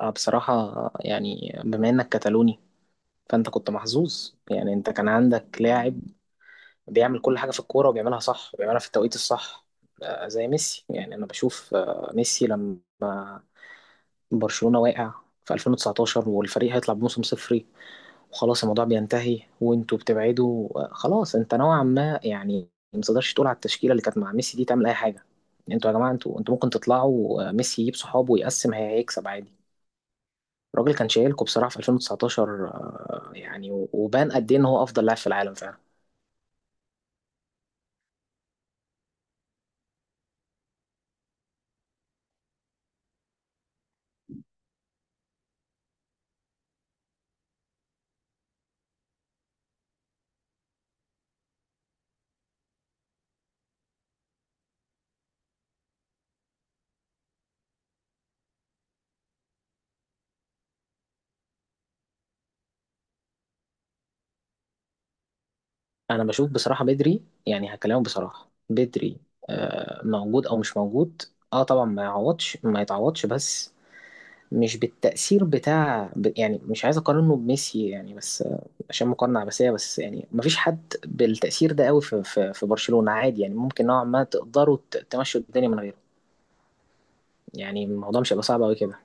بصراحة، يعني بما إنك كتالوني، فأنت كنت محظوظ. يعني أنت كان عندك لاعب بيعمل كل حاجة في الكورة وبيعملها صح وبيعملها في التوقيت الصح. زي ميسي، يعني أنا بشوف ميسي لما برشلونة واقع في 2019، والفريق هيطلع بموسم صفري، وخلاص الموضوع بينتهي وأنتوا بتبعدوا. خلاص، أنت نوعا ما يعني ما تقدرش تقول على التشكيلة اللي كانت مع ميسي دي تعمل أي حاجة. يعني أنتوا يا جماعة، أنتوا ممكن تطلعوا. ميسي يجيب صحابه ويقسم هيكسب عادي. الراجل كان شايلكوا بصراحة في 2019. يعني و- وبان قد ايه ان هو افضل لاعب في العالم فعلا. انا بشوف بصراحة بدري، يعني هكلمه. بصراحة بدري موجود او مش موجود. اه طبعا ما يعوضش، ما يتعوضش، بس مش بالتأثير بتاع يعني مش عايز اقارنه بميسي، يعني بس عشان مقارنة عباسية. بس يعني مفيش حد بالتأثير ده قوي في برشلونة عادي. يعني ممكن نوعا ما تقدروا تمشوا الدنيا من غيره. يعني الموضوع مش هيبقى صعب قوي كده.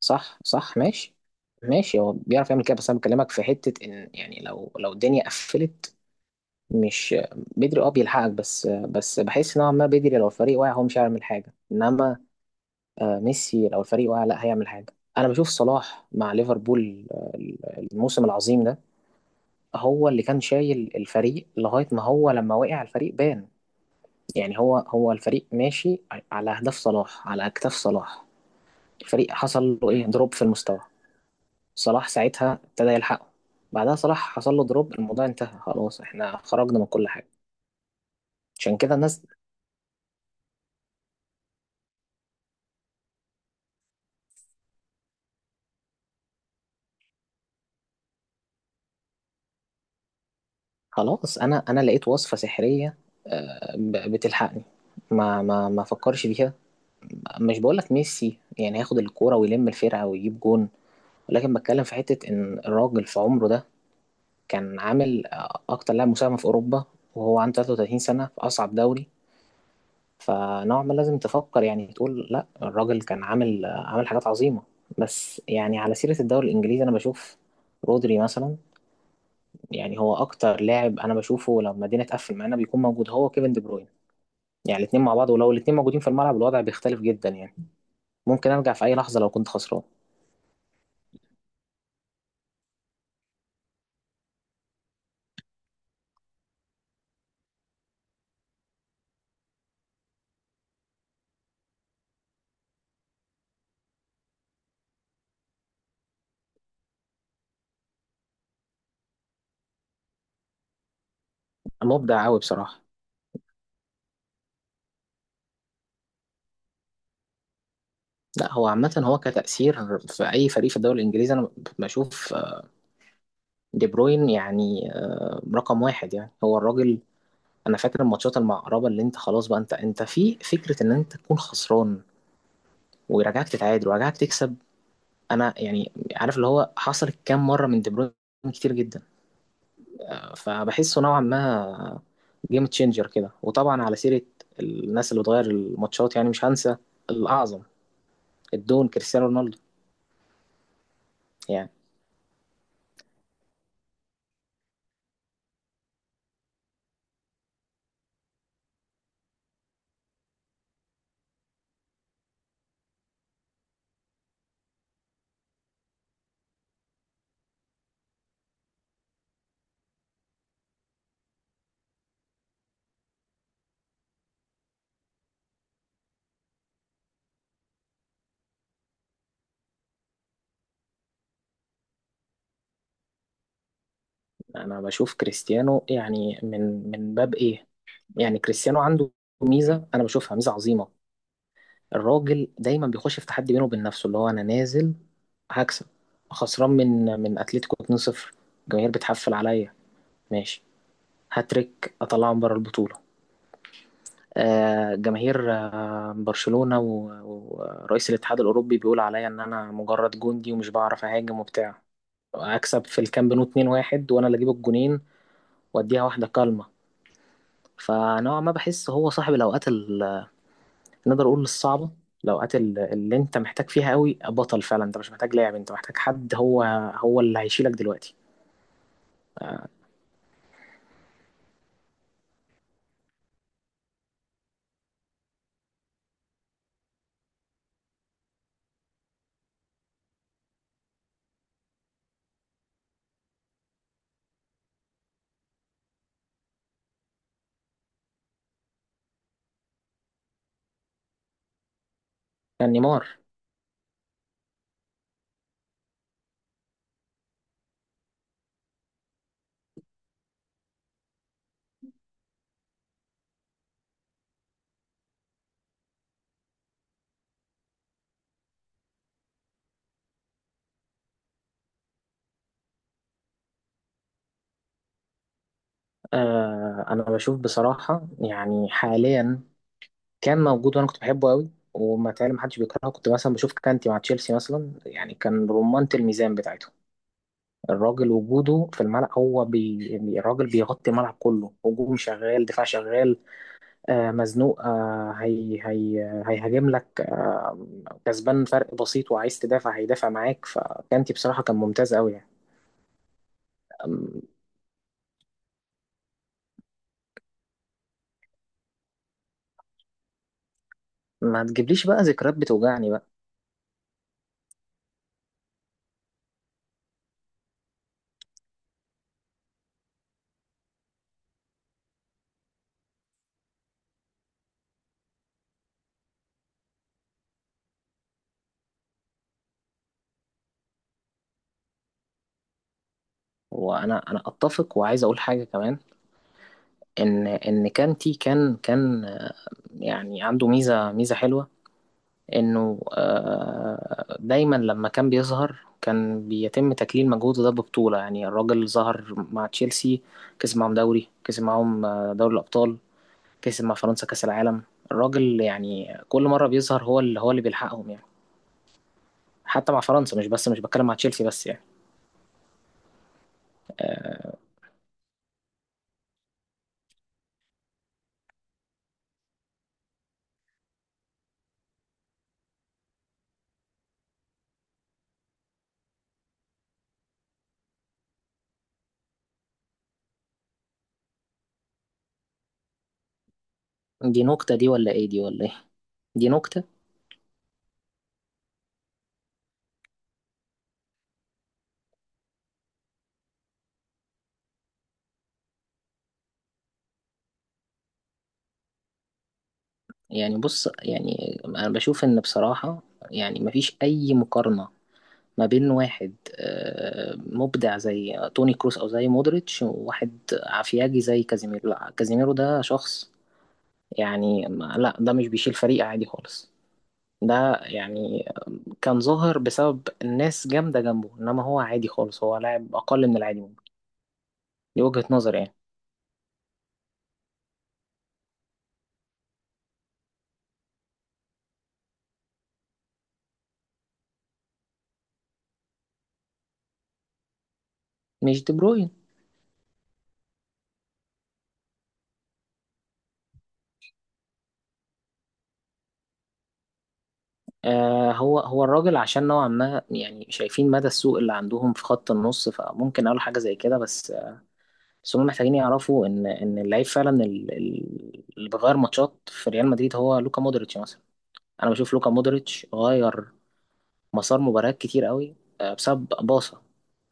صح صح، ماشي. ماشي، هو بيعرف يعمل كده، بس انا بكلمك في حتة ان، يعني لو الدنيا قفلت. مش بدري اه بيلحقك، بس بحس نوعا ما بدري لو الفريق واقع هو مش هيعمل حاجة. انما ميسي لو الفريق واقع لا هيعمل حاجة. انا بشوف صلاح مع ليفربول، الموسم العظيم ده هو اللي كان شايل الفريق لغاية ما هو لما وقع الفريق بان. يعني هو الفريق ماشي على اهداف صلاح، على اكتاف صلاح. الفريق حصل له ايه دروب في المستوى، صلاح ساعتها ابتدى يلحقه. بعدها صلاح حصل له دروب، الموضوع انتهى خلاص، احنا خرجنا من كل حاجة. عشان كده الناس. خلاص، انا لقيت وصفة سحرية بتلحقني، ما فكرش فيها. مش بقولك ميسي يعني هياخد الكورة ويلم الفرقة ويجيب جون، ولكن بتكلم في حتة ان الراجل في عمره ده كان عامل اكتر لاعب مساهمة في اوروبا، وهو عنده 33 سنة في اصعب دوري. فنوعا ما لازم تفكر، يعني تقول لا، الراجل كان عامل حاجات عظيمة. بس يعني على سيرة الدوري الإنجليزي، أنا بشوف رودري مثلا. يعني هو أكتر لاعب أنا بشوفه لما الدنيا تقفل معانا بيكون موجود، هو كيفن دي بروين. يعني الاتنين مع بعض، ولو الاتنين موجودين في الملعب الوضع بيختلف جدا، يعني ممكن أرجع في أي لحظة لو كنت خسران. مبدع أوي بصراحة. لا، هو عامة، هو كتأثير في أي فريق في الدوري الإنجليزي أنا بشوف دي بروين يعني رقم واحد، يعني هو الراجل. انا فاكر الماتشات المقربه، اللي انت خلاص بقى انت في فكره ان انت تكون خسران ويرجعك تتعادل ويرجعك تكسب. انا يعني عارف اللي هو حصلت كام مره من دي بروين، كتير جدا. فبحسه نوعا ما جيم تشينجر كده. وطبعا على سيره الناس اللي بتغير الماتشات، يعني مش هنسى الاعظم، الدون كريستيانو رونالدو. يعني انا بشوف كريستيانو يعني من باب ايه؟ يعني كريستيانو عنده ميزه، انا بشوفها ميزه عظيمه. الراجل دايما بيخش في تحدي بينه وبين نفسه، اللي هو: انا نازل هكسب، خسران من اتلتيكو 2-0، الجماهير بتحفل عليا، ماشي، هاتريك اطلعهم بره البطوله. جماهير، برشلونه و- ورئيس الاتحاد الاوروبي بيقول عليا ان انا مجرد جندي ومش بعرف اهاجم وبتاع. اكسب في الكامب نو 2-1 وانا اللي اجيب الجونين، واديها واحده كالمه. فنوعا ما بحس هو صاحب الاوقات، نقدر اقول الصعبه، الاوقات اللي انت محتاج فيها قوي بطل فعلا. انت مش محتاج لاعب، انت محتاج حد، هو اللي هيشيلك دلوقتي. كان نيمار. انا بشوف بصراحه يعني حاليا. كان موجود وانا كنت بحبه قوي وما تعلم محدش بيكرهه، كنت مثلا بشوف كانتي مع تشيلسي مثلا، يعني كان رمانة الميزان بتاعته. الراجل وجوده في الملعب، هو يعني الراجل بيغطي الملعب كله، هجوم شغال، دفاع شغال. مزنوق، هي هيهاجم لك، كسبان فرق بسيط وعايز تدافع هيدافع معاك. فكانتي بصراحة كان ممتاز قوي يعني. أم، ما تجيبليش بقى ذكريات بتوجعني بقى. وانا اتفق، وعايز اقول حاجة كمان ان كانتي كان يعني عنده ميزة حلوة. انه دايما لما كان بيظهر كان بيتم تكليل مجهوده ده ببطولة. يعني الراجل ظهر مع تشيلسي، كسب معاهم دوري، كسب معاهم دوري الأبطال، كسب مع فرنسا كأس العالم. الراجل يعني كل مرة بيظهر هو اللي، هو اللي بيلحقهم يعني. حتى مع فرنسا، مش بس مش بتكلم مع تشيلسي بس يعني. آه، دي نكتة دي ولا ايه؟ دي ولا ايه؟ دي نكتة. يعني بص، يعني انا بشوف ان بصراحة يعني مفيش اي مقارنة ما بين واحد مبدع زي توني كروس او زي مودريتش، وواحد عفياجي زي كازيميرو. لا، كازيميرو ده شخص يعني، لا ده مش بيشيل فريق عادي خالص. ده يعني كان ظاهر بسبب الناس جامدة جنبه، إنما هو عادي خالص، هو لاعب أقل من العادي ممكن. دي وجهة نظري يعني. مش دي بروين. هو الراجل، عشان نوعا ما يعني شايفين مدى السوء اللي عندهم في خط النص، فممكن أقول حاجة زي كده. بس هم محتاجين يعرفوا إن اللعيب فعلا اللي بيغير ماتشات في ريال مدريد هو لوكا مودريتش مثلا. أنا بشوف لوكا مودريتش غير مسار مباريات كتير قوي، بسبب باصة.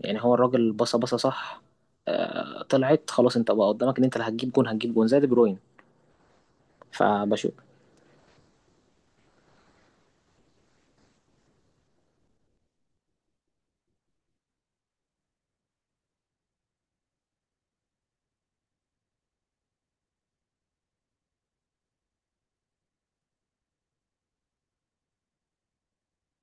يعني هو الراجل باصة، باصة صح. طلعت خلاص، انت بقى قدامك ان انت اللي هتجيب جون، هتجيب جون زي دي بروين. فبشوف.